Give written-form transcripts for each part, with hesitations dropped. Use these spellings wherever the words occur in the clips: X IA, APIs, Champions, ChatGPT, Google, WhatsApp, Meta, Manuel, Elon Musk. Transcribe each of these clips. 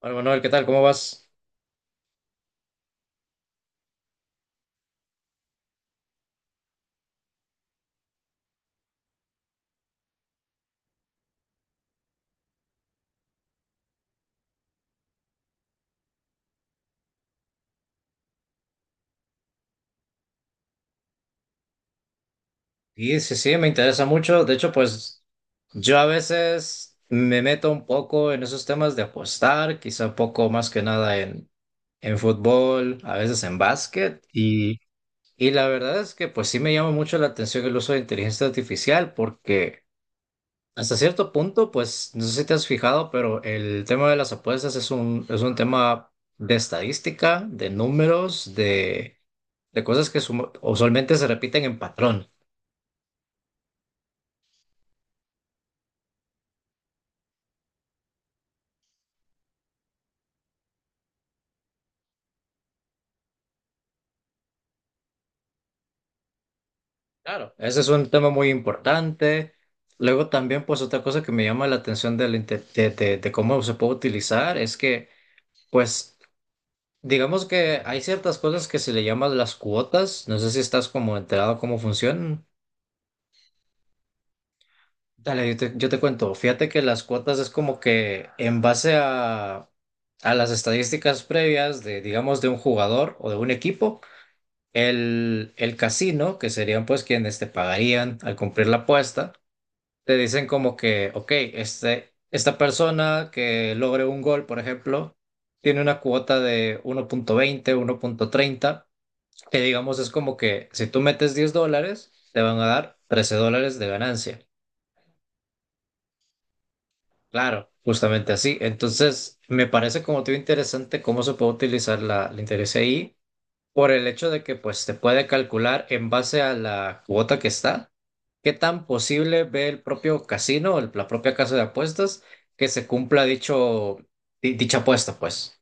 Hola Manuel, ¿qué tal? ¿Cómo vas? Sí, sí, sí, me interesa mucho. De hecho, pues yo a veces me meto un poco en esos temas de apostar, quizá un poco más que nada en, en fútbol, a veces en básquet. Y la verdad es que pues sí me llama mucho la atención el uso de inteligencia artificial porque hasta cierto punto, pues no sé si te has fijado, pero el tema de las apuestas es un tema de estadística, de números, de cosas que usualmente se repiten en patrón. Claro, ese es un tema muy importante. Luego también, pues otra cosa que me llama la atención de, de cómo se puede utilizar es que, pues, digamos que hay ciertas cosas que se le llaman las cuotas. No sé si estás como enterado cómo funcionan. Dale, yo te cuento. Fíjate que las cuotas es como que en base a las estadísticas previas de, digamos, de un jugador o de un equipo, el casino, que serían pues quienes te pagarían al cumplir la apuesta te dicen como que, ok, esta persona que logre un gol, por ejemplo, tiene una cuota de uno uno punto veinte uno punto treinta, que digamos es como que si tú metes 10 dólares, te van a dar trece dólares de ganancia. Claro, justamente así. Entonces, me parece, como te digo, interesante cómo se puede utilizar la, la inteligencia ahí por el hecho de que pues te puede calcular en base a la cuota que está. ¿Qué tan posible ve el propio casino, la propia casa de apuestas, que se cumpla dicho, dicha apuesta, pues?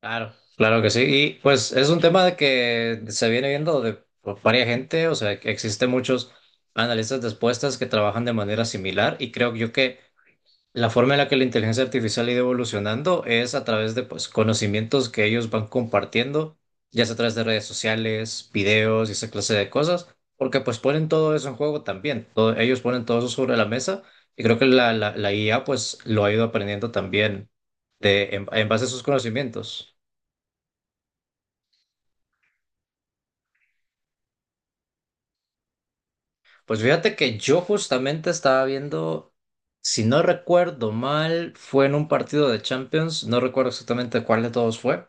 Claro. Claro que sí. Y pues es un tema de que se viene viendo de por varias gente, o sea, que existen muchos analistas de apuestas que trabajan de manera similar, y creo yo que la forma en la que la inteligencia artificial ha ido evolucionando es a través de, pues, conocimientos que ellos van compartiendo, ya sea a través de redes sociales, videos y esa clase de cosas, porque pues ponen todo eso en juego también. Ellos ponen todo eso sobre la mesa, y creo que la IA pues lo ha ido aprendiendo también de, en base a sus conocimientos. Pues fíjate que yo justamente estaba viendo, si no recuerdo mal, fue en un partido de Champions, no recuerdo exactamente cuál de todos fue.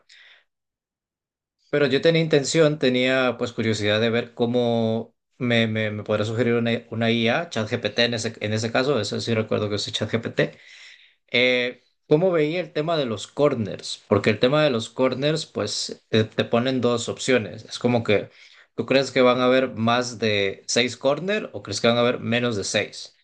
Pero yo tenía intención, tenía pues curiosidad de ver cómo me podría sugerir una IA, ChatGPT en ese caso, eso sí recuerdo que usé ChatGPT. ¿Cómo veía el tema de los corners? Porque el tema de los corners, pues te ponen dos opciones. Es como que, ¿tú crees que van a haber más de seis corners o crees que van a haber menos de seis?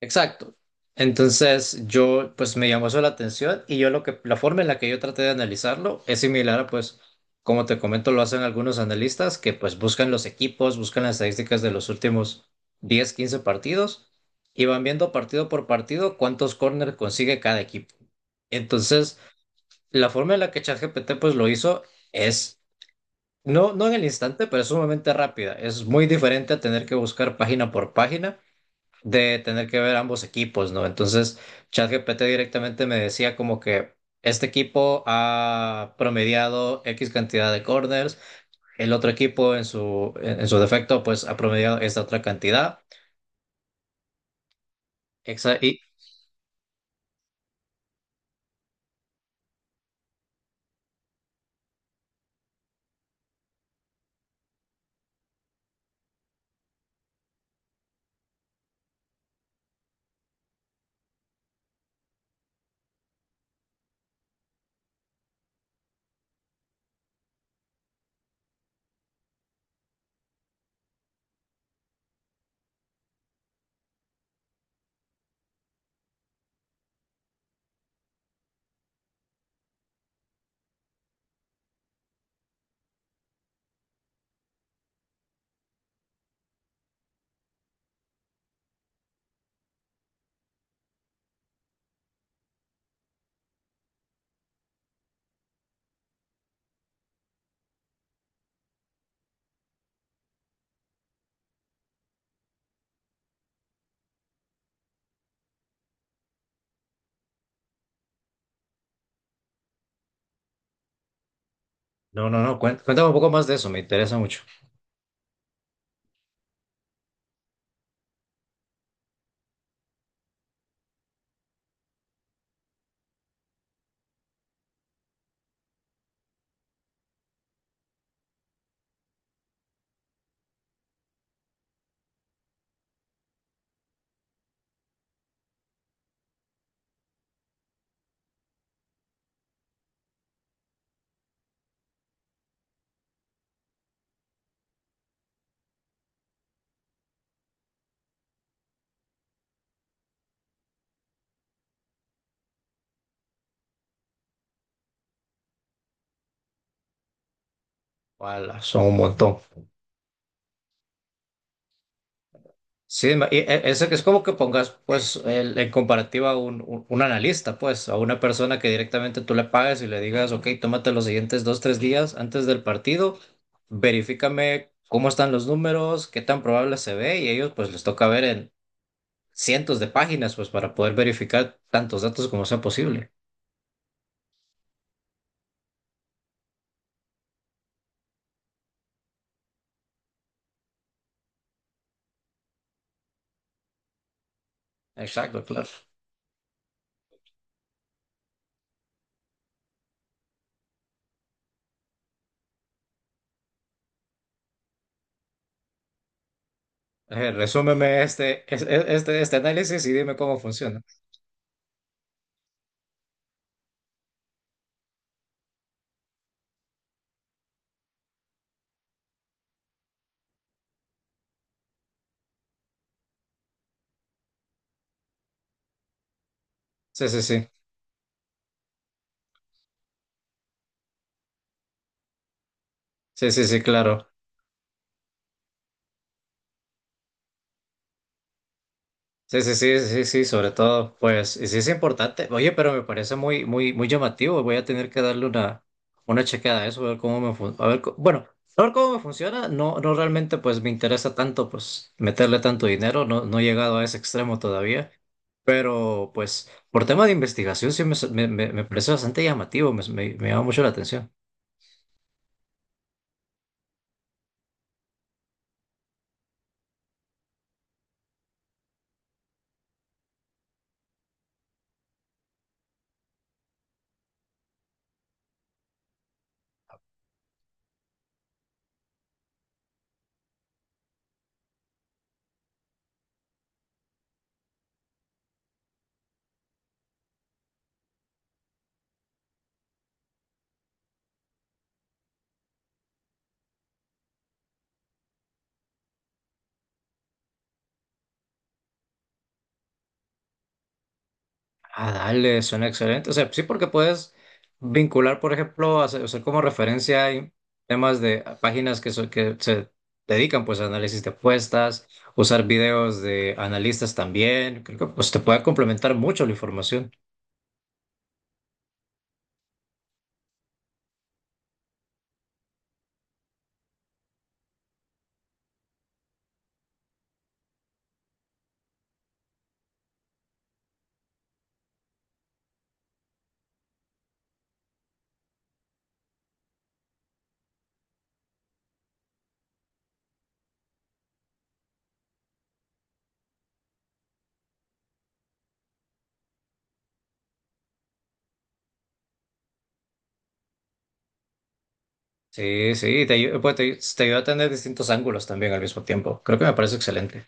Exacto. Entonces yo pues me llamó eso la atención, y yo lo que la forma en la que yo traté de analizarlo es similar a pues como te comento lo hacen algunos analistas, que pues buscan los equipos, buscan las estadísticas de los últimos 10, 15 partidos y van viendo partido por partido cuántos corners consigue cada equipo. Entonces, la forma en la que ChatGPT pues lo hizo es no no en el instante, pero es sumamente rápida. Es muy diferente a tener que buscar página por página, de tener que ver ambos equipos, ¿no? Entonces, ChatGPT directamente me decía como que este equipo ha promediado X cantidad de corners, el otro equipo en su defecto pues ha promediado esta otra cantidad. Y, no, no, no, cuéntame un poco más de eso, me interesa mucho. Wala, son un montón. Sí, y eso que es como que pongas, pues, en comparativa a un, un analista, pues, a una persona que directamente tú le pagas y le digas, ok, tómate los siguientes dos, tres días antes del partido, verifícame cómo están los números, qué tan probable se ve, y ellos, pues, les toca ver en cientos de páginas, pues, para poder verificar tantos datos como sea posible. Exacto, claro. Resúmeme este, este, este análisis y dime cómo funciona. Sí, sí, sí. Sí, sí, sí, claro. Sí, sí, sí, sí, sí, sobre todo, pues, y sí es importante. Oye, pero me parece muy, muy, muy llamativo. Voy a tener que darle una chequeada a eso, a ver cómo me funciona. A ver, bueno, a ver cómo me funciona. No, no realmente, pues, me interesa tanto, pues, meterle tanto dinero. No, no he llegado a ese extremo todavía. Pero, pues, por tema de investigación, sí me, me parece bastante llamativo. Me llama mucho la atención. Ah, dale, suena excelente. O sea, sí, porque puedes vincular, por ejemplo, hacer, usar como referencia hay temas de páginas que, que se dedican pues a análisis de apuestas, usar videos de analistas también. Creo que pues te puede complementar mucho la información. Sí, sí, pues, te ayuda a tener distintos ángulos también al mismo tiempo. Creo que me parece excelente.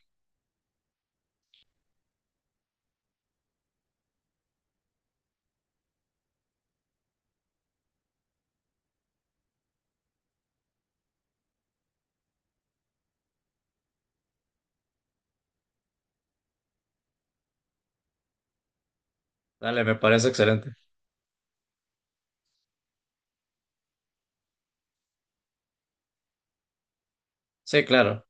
Dale, me parece excelente. Sí, claro.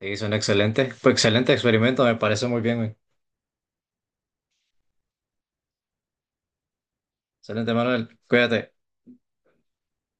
Sí, suena excelente. Fue excelente experimento, me parece muy bien, güey. Excelente, Manuel. Cuídate.